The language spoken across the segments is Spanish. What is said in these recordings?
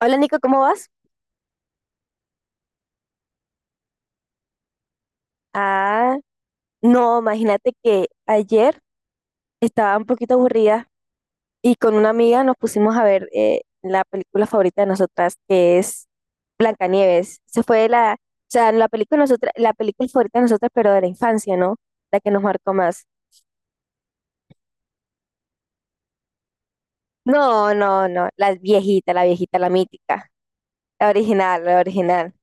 Hola Nico, ¿cómo vas? Ah, no, imagínate que ayer estaba un poquito aburrida y con una amiga nos pusimos a ver la película favorita de nosotras, que es Blancanieves. Se fue la, o sea, la película nosotras, la película favorita de nosotras, pero de la infancia, ¿no? La que nos marcó más. No, no, no, la viejita, la viejita, la mítica, la original, la original.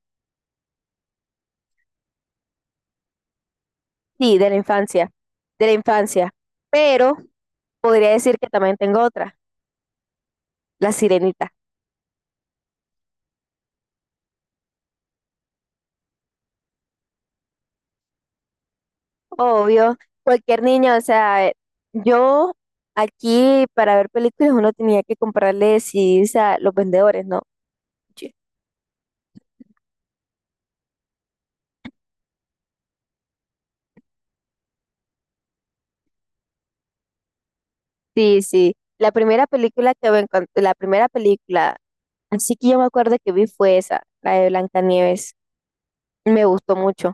Sí, de la infancia, de la infancia. Pero podría decir que también tengo otra, La Sirenita. Obvio, cualquier niño, o sea, yo aquí para ver películas uno tenía que comprarle CDs a los vendedores, ¿no? Sí, sí. Sí. La primera película, así que yo me acuerdo que vi fue esa, la de Blancanieves. Me gustó mucho.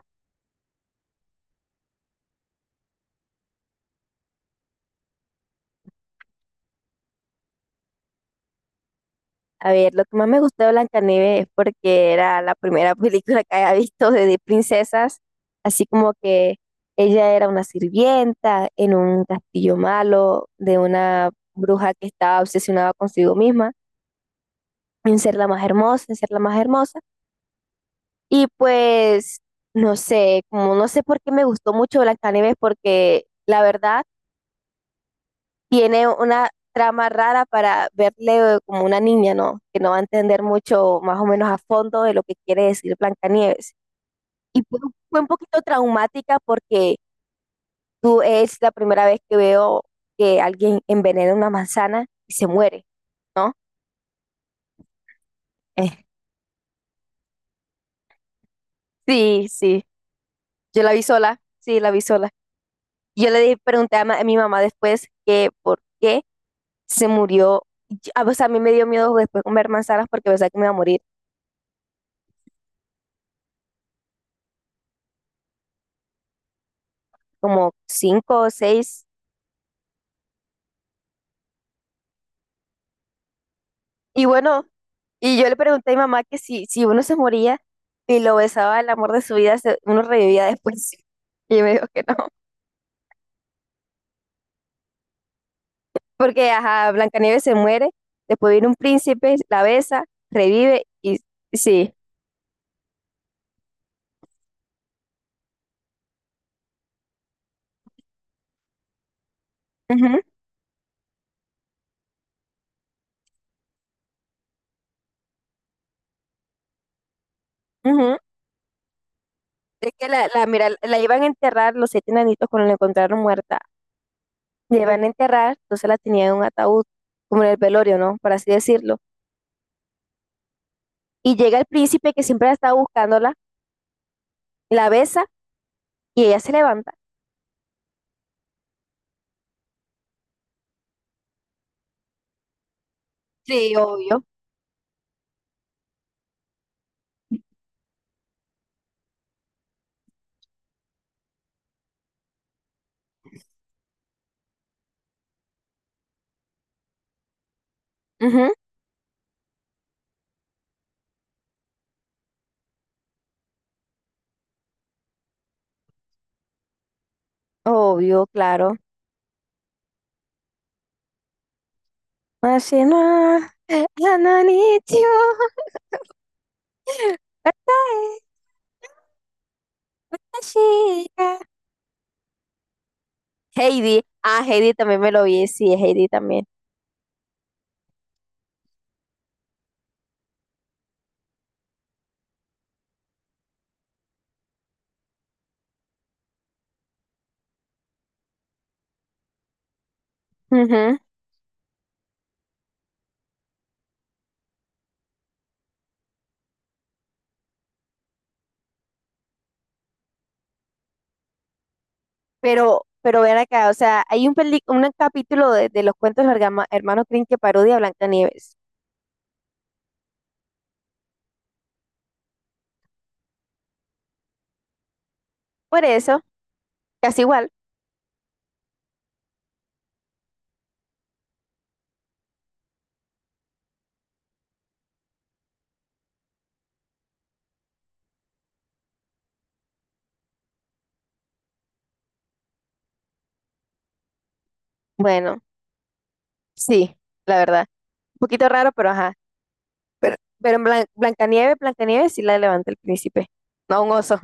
A ver, lo que más me gustó de Blancanieves es porque era la primera película que había visto de princesas, así como que ella era una sirvienta en un castillo malo de una bruja que estaba obsesionada consigo misma, en ser la más hermosa, en ser la más hermosa. Y pues, no sé, como no sé por qué me gustó mucho Blancanieves porque la verdad tiene una trama rara para verle como una niña, ¿no? Que no va a entender mucho, más o menos a fondo, de lo que quiere decir Blancanieves. Y fue, fue un poquito traumática porque tú es la primera vez que veo que alguien envenena una manzana y se muere, ¿no? Eh, sí, sí, yo la vi sola, sí, la vi sola. Pregunté a, a mi mamá después que por qué se murió. O sea, a mí me dio miedo después comer manzanas porque pensaba que me iba a morir como cinco o seis. Y bueno, y yo le pregunté a mi mamá que si uno se moría y lo besaba el amor de su vida, uno revivía después. Y ella me dijo que no, porque ajá, Blancanieves se muere, después viene un príncipe, la besa, revive y sí. Ujú, ujú. Es que mira, la iban a enterrar los siete enanitos cuando la encontraron muerta. La iban a enterrar, entonces la tenían en un ataúd, como en el velorio, ¿no? Por así decirlo. Y llega el príncipe que siempre la estaba buscándola, la besa y ella se levanta. Sí, obvio. Ujú. Obvio, claro. Así no, Hananichio, Atae, Ashika. Heidi, ah, Heidi también me lo vi, sí, Heidi también. Ujú. Pero ven acá, o sea, hay un, un capítulo de los cuentos de los hermanos Grimm que parodia a Nieves. Por eso, casi igual. Bueno, sí, la verdad. Un poquito raro, pero ajá. Pero en Blancanieves, Blancanieves sí la levanta el príncipe, no un oso.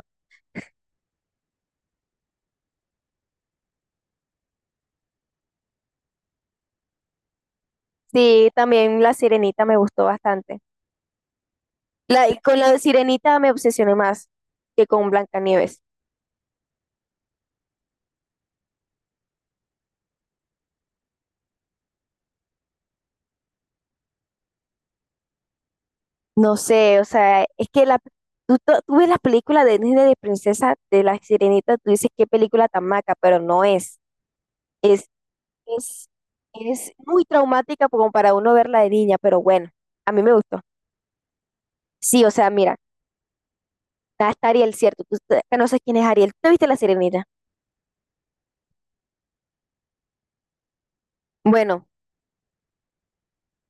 Sí, también La Sirenita me gustó bastante. La, y con la de Sirenita me obsesioné más que con Blancanieves. No sé, o sea, es que la, tú ves la película de Disney de Princesa de la Sirenita, tú dices qué película tan maca, pero no es. Es, es, es muy traumática como para uno verla de niña, pero bueno, a mí me gustó. Sí, o sea, mira, está Ariel, cierto. Tú conoces quién es Ariel. ¿Tú te viste la Sirenita? Bueno.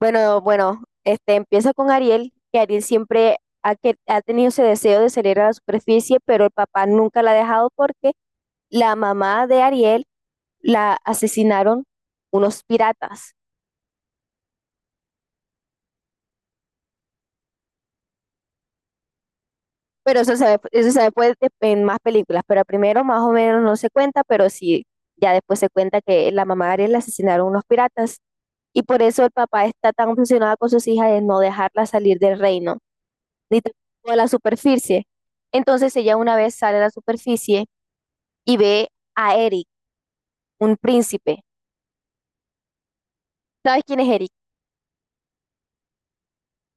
Bueno, este empieza con Ariel, que Ariel siempre ha tenido ese deseo de salir a la superficie, pero el papá nunca la ha dejado porque la mamá de Ariel la asesinaron unos piratas. Pero eso se ve en más películas, pero primero más o menos no se cuenta, pero sí, ya después se cuenta que la mamá de Ariel la asesinaron unos piratas. Y por eso el papá está tan obsesionado con sus hijas de no dejarla salir del reino, ni tampoco de la superficie. Entonces ella una vez sale a la superficie y ve a Eric, un príncipe. ¿Sabes quién es Eric?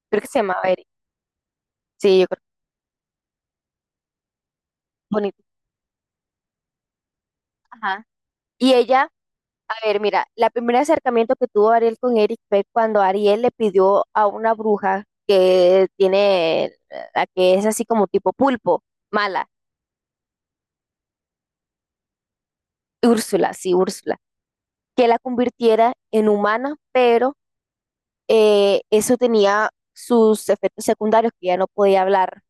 Creo que se llamaba Eric. Sí, yo creo que es bonito. Ajá. Y ella, a ver, mira, la primer acercamiento que tuvo Ariel con Eric fue cuando Ariel le pidió a una bruja que tiene, la que es así como tipo pulpo, mala, Úrsula, sí, Úrsula, que la convirtiera en humana, pero eso tenía sus efectos secundarios, que ya no podía hablar.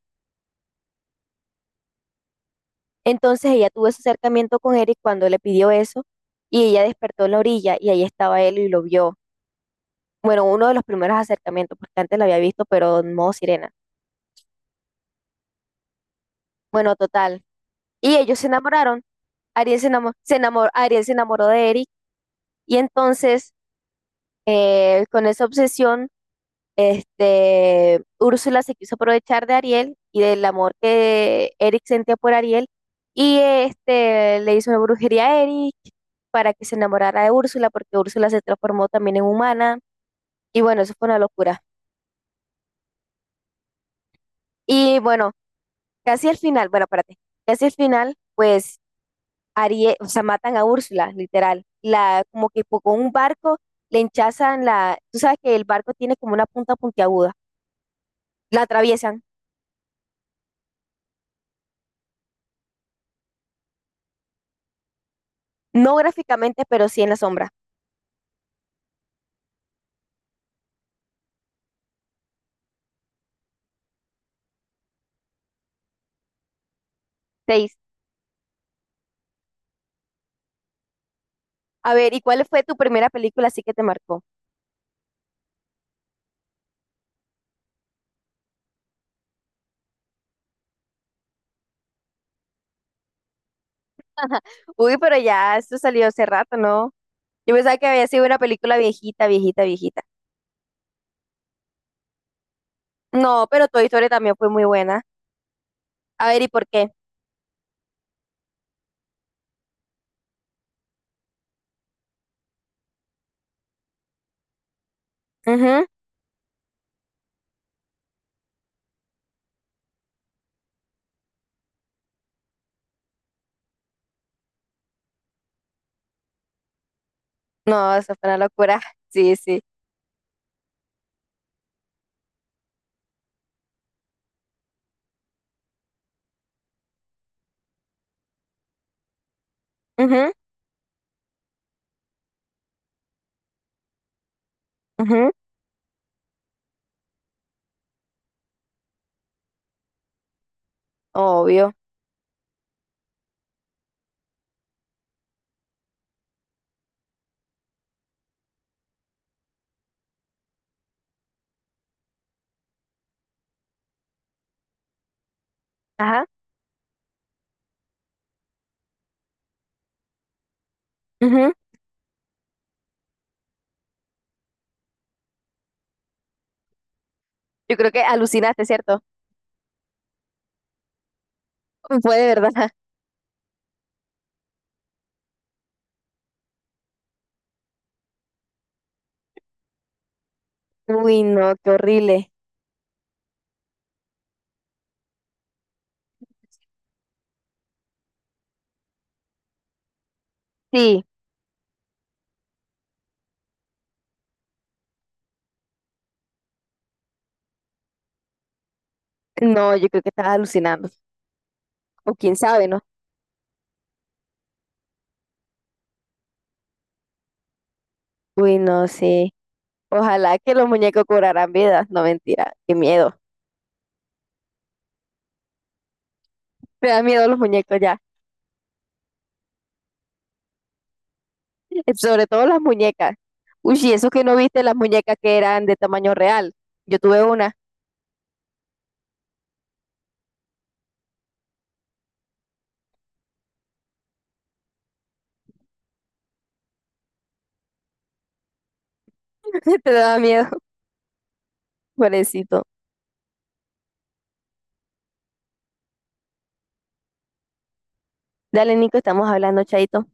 Entonces ella tuvo ese acercamiento con Eric cuando le pidió eso y ella despertó en la orilla y ahí estaba él y lo vio. Bueno, uno de los primeros acercamientos, porque antes lo había visto, pero en modo sirena. Bueno, total. Y ellos se enamoraron. Ariel se enamoró, Ariel se enamoró de Eric y entonces con esa obsesión, este, Úrsula se quiso aprovechar de Ariel y del amor que Eric sentía por Ariel y este le hizo una brujería a Eric para que se enamorara de Úrsula porque Úrsula se transformó también en humana y bueno, eso fue una locura. Y bueno, casi al final, bueno, espérate, casi al final pues Ariel, o sea, matan a Úrsula, literal. La como que con un barco le hinchazan la, tú sabes que el barco tiene como una punta puntiaguda, la atraviesan, no gráficamente, pero sí en la sombra. Seis. A ver, ¿y cuál fue tu primera película así que te marcó? Uy, pero ya, esto salió hace rato, ¿no? Yo pensaba que había sido una película viejita, viejita, viejita. No, pero Toy Story también fue muy buena. A ver, ¿y por qué? Ujú. No, eso fue una locura. Sí, sí. Ujú, ujú, obvio. Ajá. Ujú. Yo creo que alucinaste, ¿cierto? Fue de verdad. Uy, no, qué horrible. Sí, no, yo creo que estaba alucinando. O quién sabe, ¿no? Uy, no, sí. Ojalá que los muñecos cobraran vida. No, mentira, qué miedo. Me da miedo los muñecos ya. Sobre todo las muñecas. Uy, y eso que no viste las muñecas que eran de tamaño real. Yo tuve una. Te daba miedo, pobrecito. Dale, Nico, estamos hablando, chaito.